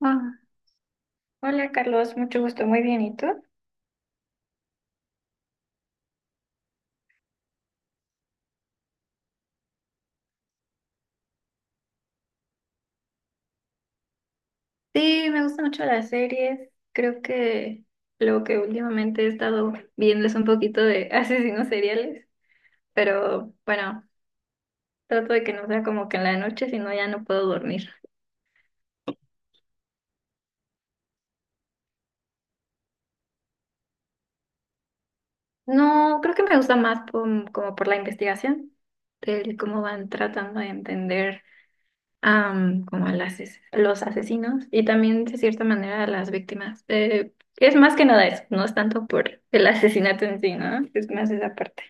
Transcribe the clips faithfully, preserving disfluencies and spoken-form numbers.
Ah, hola Carlos, mucho gusto, muy bien. ¿Y tú? Sí, me gustan mucho las series. Creo que lo que últimamente he estado viendo es un poquito de asesinos seriales, pero bueno, trato de que no sea como que en la noche, si no ya no puedo dormir. No, creo que me gusta más pom- como por la investigación, del cómo van tratando de entender. am, como a las, ases- los asesinos y también de cierta manera a las víctimas. Eh, es más que nada eso, no es tanto por el asesinato en sí, ¿no? Es más esa parte.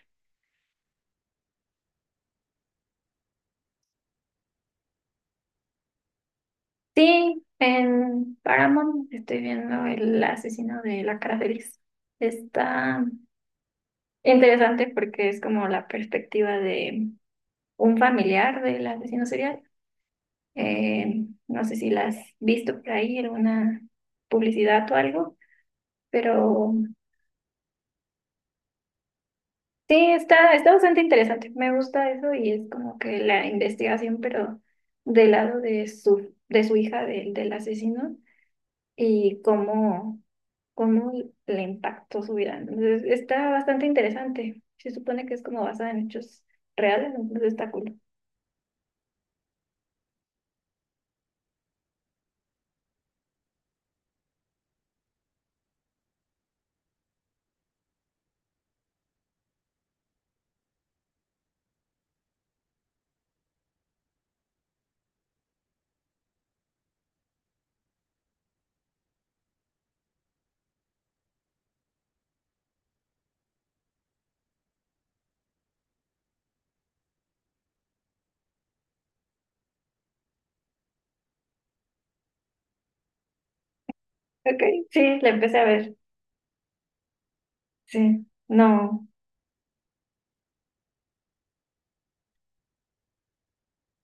Sí, en Paramount estoy viendo El Asesino de la Cara Feliz. Está interesante porque es como la perspectiva de un familiar del asesino serial. Eh, no sé si la has visto por ahí, alguna publicidad o algo, pero... Sí, está, está bastante interesante. Me gusta eso y es como que la investigación, pero del lado de su, de su hija, del, del asesino, y cómo, cómo le impactó su vida, ¿no? Entonces, está bastante interesante. Se supone que es como basada en hechos reales, entonces está cool. Ok, sí, la empecé a ver. Sí, no,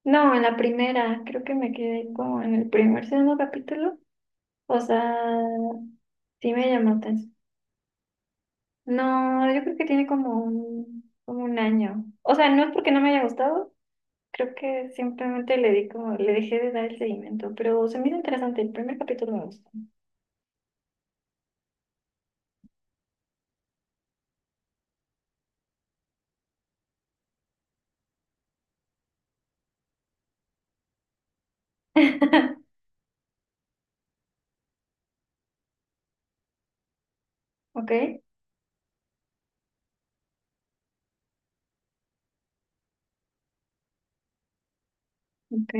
no, en la primera, creo que me quedé como en el primer, segundo capítulo. O sea, sí me llamó. No, yo creo que tiene como un, como un año. O sea, no es porque no me haya gustado, creo que simplemente le di como, le dejé de dar el seguimiento, pero se me hizo interesante, el primer capítulo me gustó. Ok, ok.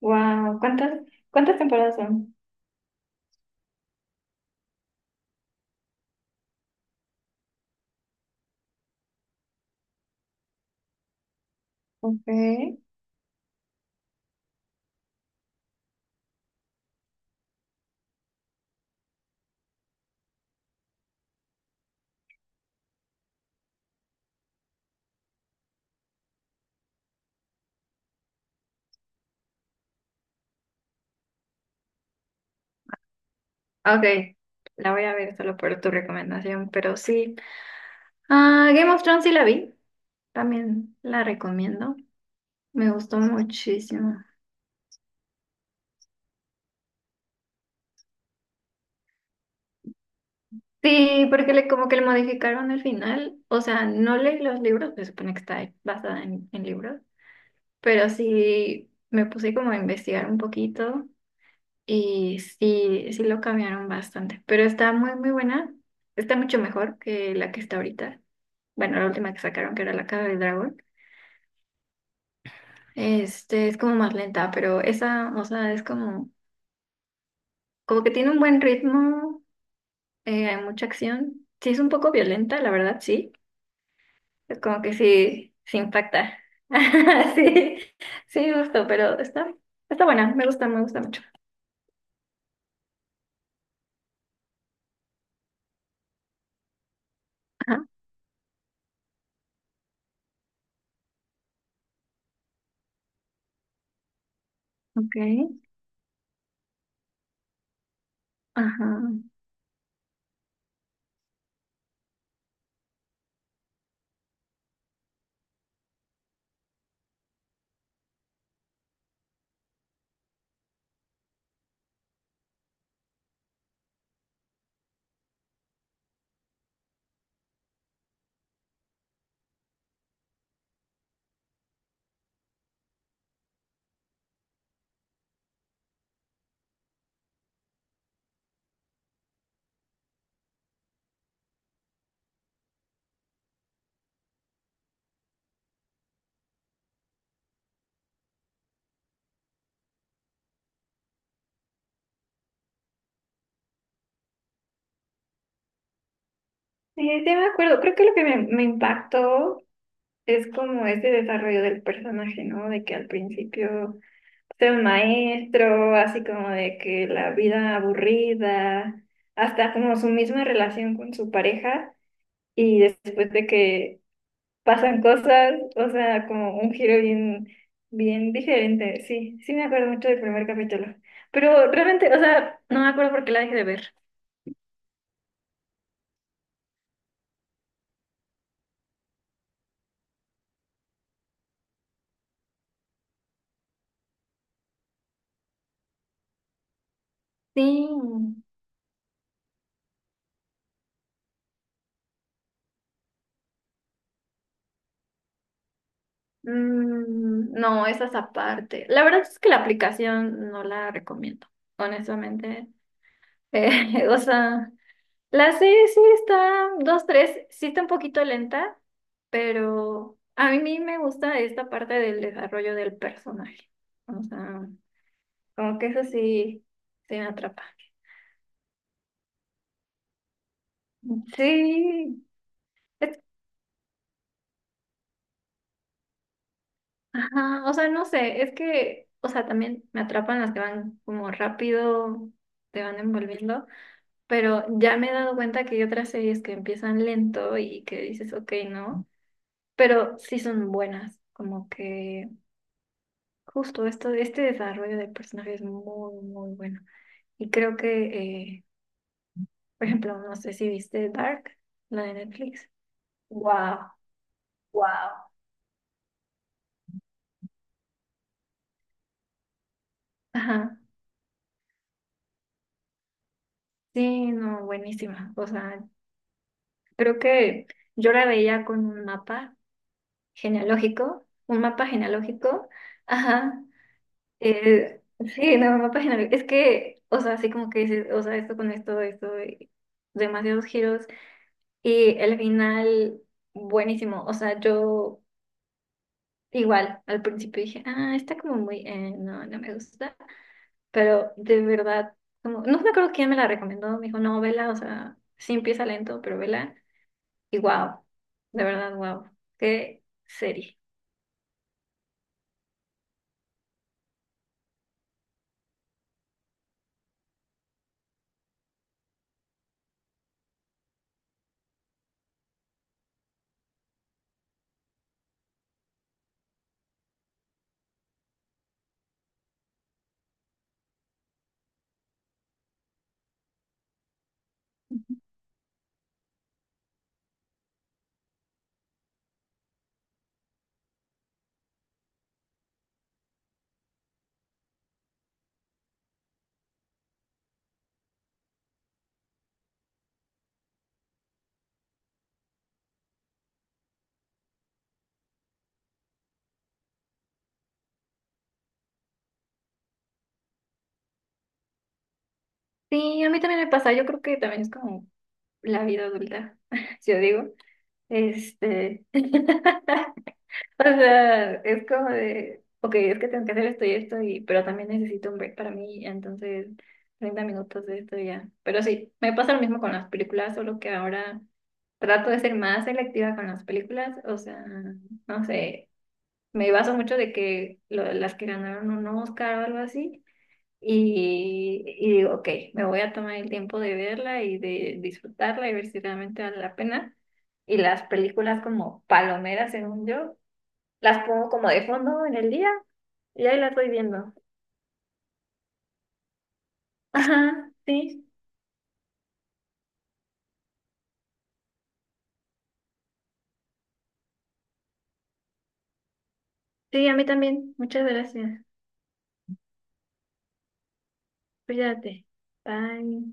Wow, ¿cuántas, cuántas temporadas son? Ok. Ok, la voy a ver solo por tu recomendación, pero sí. Ah, Game of Thrones sí la vi, también la recomiendo, me gustó muchísimo. Sí, porque le, como que le modificaron el final. O sea, no leí los libros, se supone que está basada en, en libros, pero sí me puse como a investigar un poquito y sí, sí lo cambiaron bastante. Pero está muy, muy buena. Está mucho mejor que la que está ahorita. Bueno, la última que sacaron, que era La Casa del Dragón. Este es como más lenta, pero esa, o sea, es como, como que tiene un buen ritmo, eh, hay mucha acción. Sí, es un poco violenta, la verdad, sí. Es como que sí, se impacta. Sí, sí, justo, pero está, está buena, me gusta, me gusta mucho. Ajá, ok. Ajá. Sí, sí me acuerdo, creo que lo que me, me impactó es como ese desarrollo del personaje, ¿no? De que al principio sea un maestro, así como de que la vida aburrida, hasta como su misma relación con su pareja y después de que pasan cosas, o sea, como un giro bien, bien diferente. Sí, sí me acuerdo mucho del primer capítulo. Pero realmente, o sea, no me acuerdo por qué la dejé de ver. Sí. Mm, no, esas aparte. La verdad es que la aplicación no la recomiendo, honestamente. Eh, o sea, la serie sí está, dos, tres, sí está un poquito lenta, pero a mí me gusta esta parte del desarrollo del personaje. O sea. Como que eso sí, sí me atrapa. Sí, es- ajá, o sea, no sé, es que, o sea, también me atrapan las que van como rápido, te van envolviendo, pero ya me he dado cuenta que hay otras series que empiezan lento y que dices, ok, no, pero sí son buenas, como que justo esto, este desarrollo del personaje es muy, muy bueno. Y creo que, eh, por ejemplo, no sé si viste Dark, la de Netflix. Wow, wow. Ajá. Sí, no, buenísima. O sea, creo que yo la veía con un mapa genealógico, un mapa genealógico, ajá. eh, sí, no, un mapa genealógico. Es que, o sea, así como que dices, o sea, esto con esto, esto, y demasiados giros. Y el final, buenísimo. O sea, yo igual al principio dije, ah, está como muy, eh, no, no me gusta. Pero de verdad, como, no me acuerdo quién me la recomendó, me dijo, no, vela, o sea, sí empieza lento, pero vela. Y wow, de verdad, wow, qué serie. Sí, a mí también me pasa, yo creo que también es como la vida adulta, yo digo. Este, o sea, es como de, ok, es que tengo que hacer esto y esto, y, pero también necesito un break para mí, entonces treinta minutos de esto y ya. Pero sí, me pasa lo mismo con las películas, solo que ahora trato de ser más selectiva con las películas, o sea, no sé. Me baso mucho de que lo- las que ganaron un Oscar o algo así. Y, y digo, ok, me voy a tomar el tiempo de verla y de disfrutarla y ver si realmente vale la pena. Y las películas como palomeras, según yo, las pongo como de fondo en el día y ahí las voy viendo. Ajá, sí, sí, a mí también. Muchas gracias. Cuídate. Bye.